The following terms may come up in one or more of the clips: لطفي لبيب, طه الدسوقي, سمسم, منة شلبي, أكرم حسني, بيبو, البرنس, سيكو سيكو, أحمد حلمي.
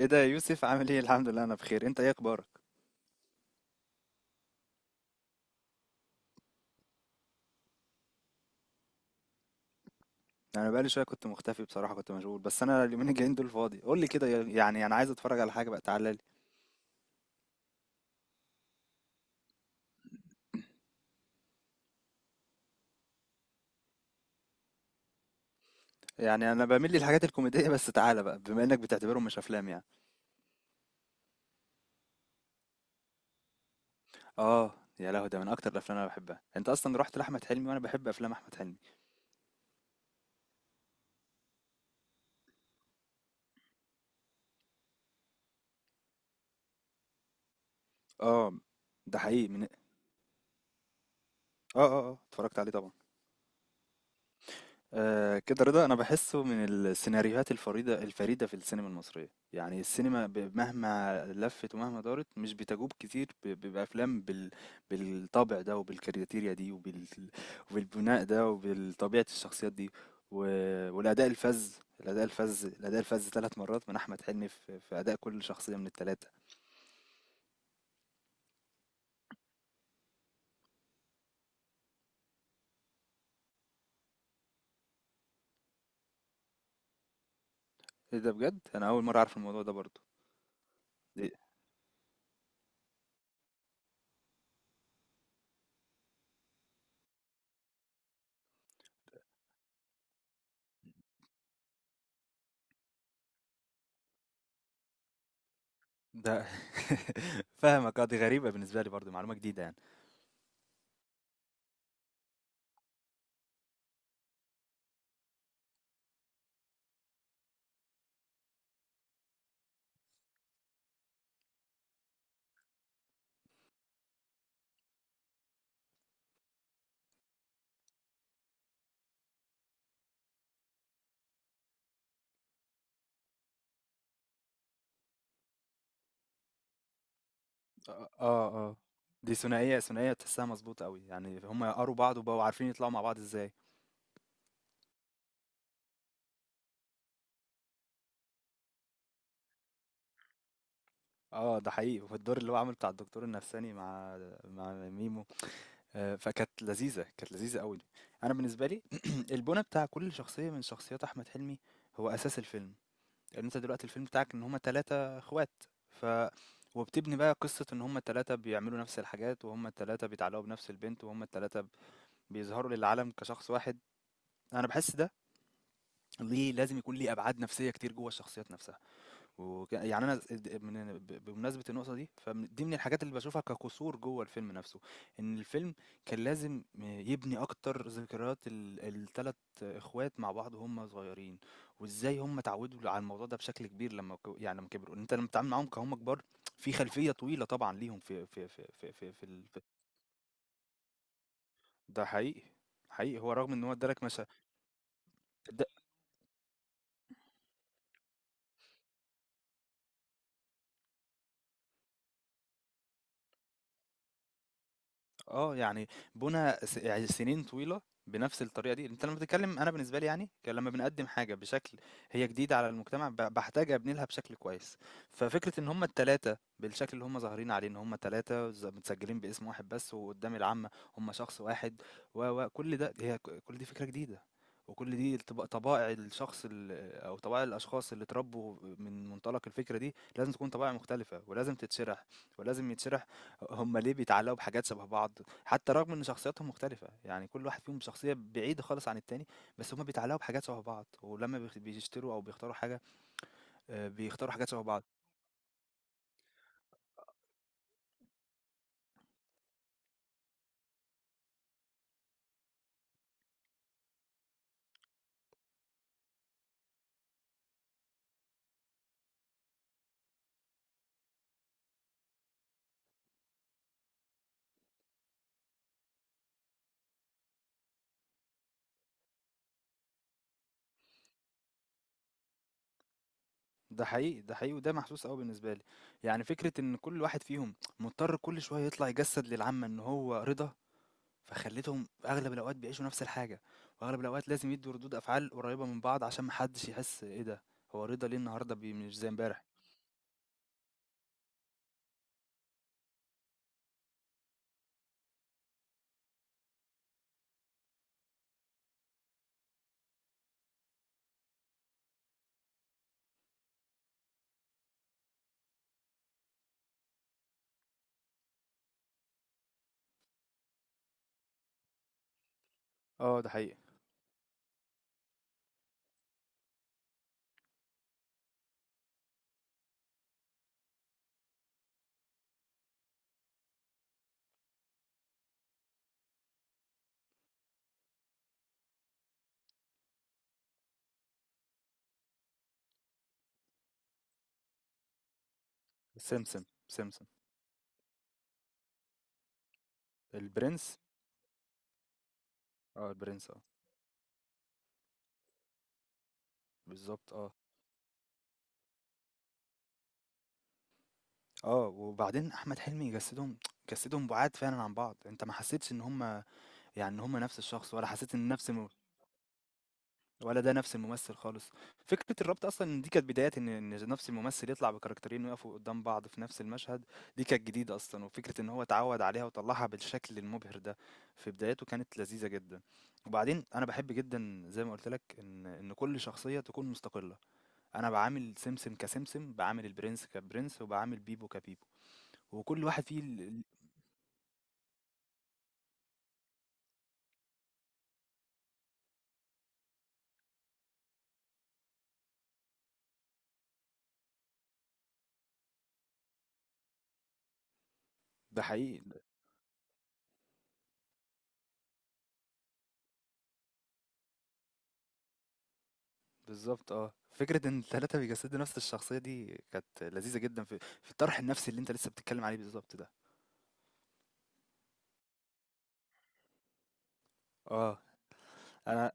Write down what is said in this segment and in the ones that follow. ايه ده يا يوسف؟ عامل ايه؟ الحمد لله انا بخير. انت ايه اخبارك؟ انا بقالي شويه كنت مختفي بصراحه، كنت مشغول، بس انا اليومين الجايين دول فاضي. قول لي كده يعني، انا عايز اتفرج على حاجه بقى، تعالى لي. يعني انا بميل للحاجات الكوميديه، بس تعالى بقى بما انك بتعتبرهم مش افلام يعني. اه، يا لهوي، ده من اكتر الافلام اللي انا بحبها. انت اصلا رحت لاحمد حلمي وانا بحب افلام احمد حلمي. اه ده حقيقي. من إيه؟ اه اه اه اتفرجت عليه طبعا. آه كده رضا، انا بحسه من السيناريوهات الفريدة في السينما المصرية. يعني السينما مهما لفت ومهما دارت مش بتجوب كتير بافلام بالطابع ده، وبالكارياتيريا دي، وبالبناء ده، وبالطبيعة الشخصيات دي، والاداء الفذ، الاداء الفذ ثلاث مرات من احمد حلمي في اداء كل شخصية من الثلاثة. ايه ده بجد، انا اول مرة اعرف الموضوع ده برضو. دي- ده فاهمك. آه، دي غريبة بالنسبة لي برضو، معلومة جديدة يعني. آه آه، دي ثنائية تحسها مظبوطة أوي، يعني هما يقروا بعض وبقوا عارفين يطلعوا مع بعض ازاي. اه ده حقيقي. والدور اللي هو عامل بتاع الدكتور النفساني مع مع ميمو، آه، فكانت لذيذة، كانت لذيذة أوي. أنا بالنسبة لي البناء بتاع كل شخصية من شخصيات أحمد حلمي هو أساس الفيلم، لأن أنت دلوقتي الفيلم بتاعك إن هما تلاتة إخوات، ف وبتبني بقى قصة إن هما التلاتة بيعملوا نفس الحاجات، وهما التلاتة بيتعلقوا بنفس البنت، وهما التلاتة بيظهروا للعالم كشخص واحد. أنا بحس ده ليه لازم يكون ليه أبعاد نفسية كتير جوّه الشخصيات نفسها. يعني أنا س د من ب بمناسبة النقطة دي، فدي من الحاجات اللي باشوفها كقصور جوّه الفيلم نفسه. إن الفيلم كان لازم يبني أكتر ذكريات ال3 إخوات مع بعض وهُم صغيرين، وإزاي هُم اتعودوا على الموضوع ده بشكل كبير لمّا يعني لمّا كبروا، إن أنت لمّا بتتعامل معاهم كهُم كبار في خلفية طويلة طبعًا ليهم في. ده حقيقي، حقيقي. هو رغم إن هو ادّى لك مشا اد آه، يعني بُنى س يعني سنين طويلة بنفس الطريقة دي. أنت لمّا بتتكلم، أنا بالنسبة لي يعني، لمّا بنقدّم حاجة بشكل هي جديدة على المجتمع، باحتاج أبني لها بشكل كويس. ففكرة إن هُم ال3 بالشكل اللي هُم ظاهرين عليه، إن هُم 3 متسجلين باسم واحد بس، وقدّام العامة هُم شخص واحد، و، و، كل ده هي ك كل دي فكرة جديدة. وكل دي طبائع الشخص ال أو طبائع الأشخاص اللي اتربوا من منطلق الفكرة دي، لازم تكون طبائع مختلفة، ولازم تتشرح، ولازم يتشرح هم ليه بيتعلقوا بحاجات شبه بعض، حتى رغم ان شخصياتهم مختلفة. يعني كل واحد فيهم شخصية بعيدة خالص عن التاني، بس هم بيتعلقوا بحاجات شبه بعض، ولما بيشتروا او بيختاروا حاجة، آه، بيختاروا حاجات شبه بعض. ده حقيقي، ده حقيقي، وده محسوس قوي بالنسبة لي. يعني فكرة ان كل واحد فيهم مضطر كل شوية يطلع يجسد للعامة ان هو رضا، فخلتهم اغلب الاوقات بيعيشوا نفس الحاجة، واغلب الاوقات لازم يدوا ردود افعال قريبة من بعض عشان محدش يحس ايه ده، هو رضا ليه النهاردة مش زي امبارح. اه ده حقيقي. سمسم سمسم. البرنس. آه البرنس آه. بالضبط آه. آه، وبعدين أحمد حلمي جسّدهم بُعاد فعلًا عن بعض. أنت ما حسّيتش إن هُم يعني إن هُم نفس الشخص، ولا حسّيت إن نفس م ولا ده نفس الممثل خالص. فكرة الربط أصلًا إن دي كانت بدايات إن نفس الممثل يطلع بكاركترين ويقفوا قدّام بعض في نفس المشهد، دي كانت جديدة أصلًا، وفكرة إن هو اتعوّد عليها وطلّعها بالشكل المبهر ده في بداياته كانت لذيذة جدًا. وبعدين أنا باحب جدًا زي ما قُلت لك إن كل شخصية تكون مستقلة. أنا باعامل سمسم كسمسم، باعامل البرنس كبرنس، وباعامل بيبو كبيبو، وكل واحد فيه ال ال ده حقيقي، بالضبط آه. فكرة إن ال3 بيجسدوا نفس الشخصية دي كانت لذيذة جدًا في في الطرح النفسي اللي أنت لسه بتتكلم عليه بالضبط ده. آه، أنا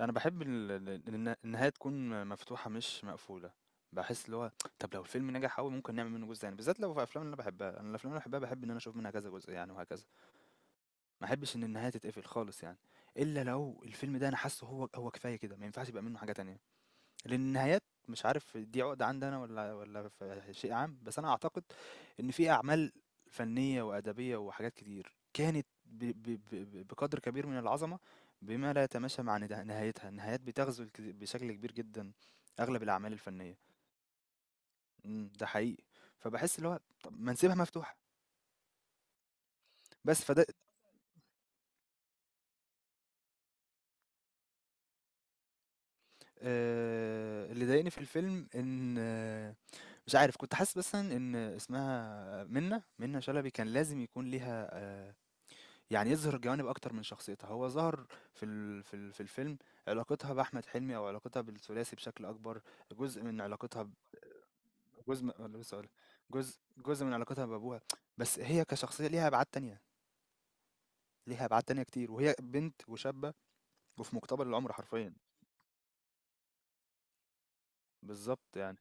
أنا باحب ال ال الن النهاية تكون مفتوحة مش مقفولة. باحس اللي هو طب لو الفيلم نجح أوي ممكن نعمل منه جزء تاني، بالذات لو في أفلام اللي أنا باحبها. أنا الأفلام اللي أنا باحبها باحب إن أنا أشوف منها كذا جزء يعني، وهكذا. ما احبش إن النهاية تتقفل خالص يعني، إلا لو الفيلم ده أنا حاسه هو هو كفاية كده، ما ينفعش يبقى منه حاجة تانية. لأن النهايات مش عارف دي عقدة عندي أنا والّا في شيء عام، بس أنا أعتقد إن في أعمال فنية وأدبية وحاجات كتير كانت ب ب ب ب بقدر كبير من العظمة بما لا يتماشى مع نهايتها. النهايات بتغزو بشكل كبير جدًا أغلب الأعمال الفنية. إمم، ده حقيقي. فباحس اللي هو طب ما نسيبها مفتوحة. بس فده اللي ضايقني في الفيلم إن مش عارف، كنت حاسس بس ان اسمها منة شلبي كان لازم يكون ليها آه، يعني يظهر جوانب اكتر من شخصيتها. هو ظهر في الفيلم علاقتها باحمد حلمي او علاقتها بالثلاثي بشكل اكبر. جزء من علاقتها ب- جزء م- ولا لسه هقولها. جزء من علاقتها بابوها، بس هي كشخصية ليها ابعاد تانية، ليها ابعاد تانية كتير، وهي بنت وشابة وفي مقتبل العمر حرفيا. بالظبط يعني،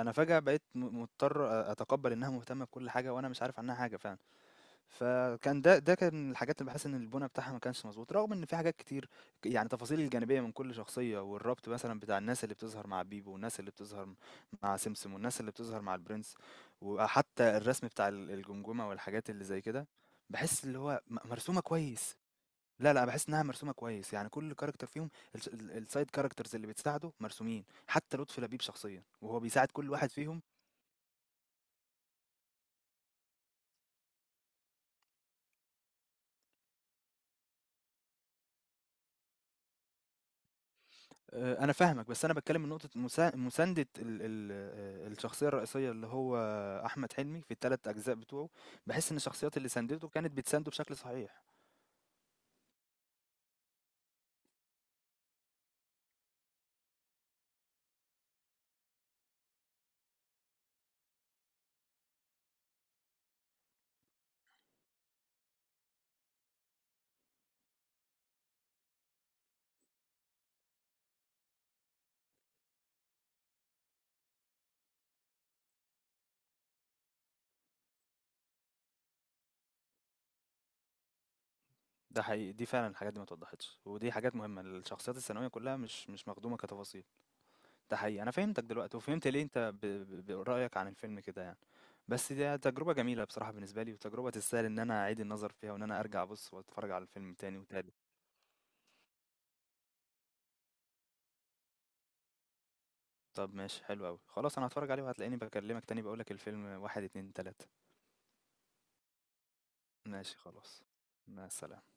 انا فجأة بقيت مضطر اتقبل انها مهتمة بكل حاجة وانا مش عارف عنها حاجة فعلا. فكان ده كان الحاجات اللي باحس إن البُنى بتاعها ما كانش مضبوط، رغم إن في حاجات كتير، يعني التفاصيل الجانبية من كل شخصية، والربط مثلًا بتاع الناس اللي بتظهر مع بيبو، والناس اللي بتظهر مع سمسم، والناس اللي بتظهر مع البرنس، وحتى الرسم بتاع الجمجمة والحاجات اللي زي كده، باحس اللي هو مرسومة كويس. لا، لا باحس إنها مرسومة كويس. يعني كل character فيهم الس ال الside characters اللي بتساعده مرسومين، حتى لطفي لبيب شخصيًا، وهو بيساعد كل واحد فيهم. أنا فاهمك، بس أنا باتكلّم من نقطة مساندة ال ال الشخصية الرئيسية اللي هو أحمد حلمي في ال3 أجزاء بتوعه. باحس إن الشخصيات اللي ساندته كانت بتسانده بشكل صحيح. ده حقيقي، دي فعلًا الحاجات دي ما اتوضّحتش، ودي حاجات مهمة، الشخصيات الثانوية كلّها مش مخدومة كتفاصيل. ده حقيقي، أنا فهمتك دلوقتي وفهمت ليه أنت ب ب رأيك عن الفيلم كده يعني. بس دي تجربة جميلة بصراحة بالنسبة لي، وتجربة تستاهل إن أنا أعيد النظر فيها وإن أنا أرجع أبُص وأتفرّج على الفيلم تاني وتالت. طب ماشي، حلو أوي، خلاص أنا هاتفرّج عليه وهتلاقيني باكلّمك تاني باقول لك الفيلم 1، 2، 3. ماشي خلاص، مع السلامة.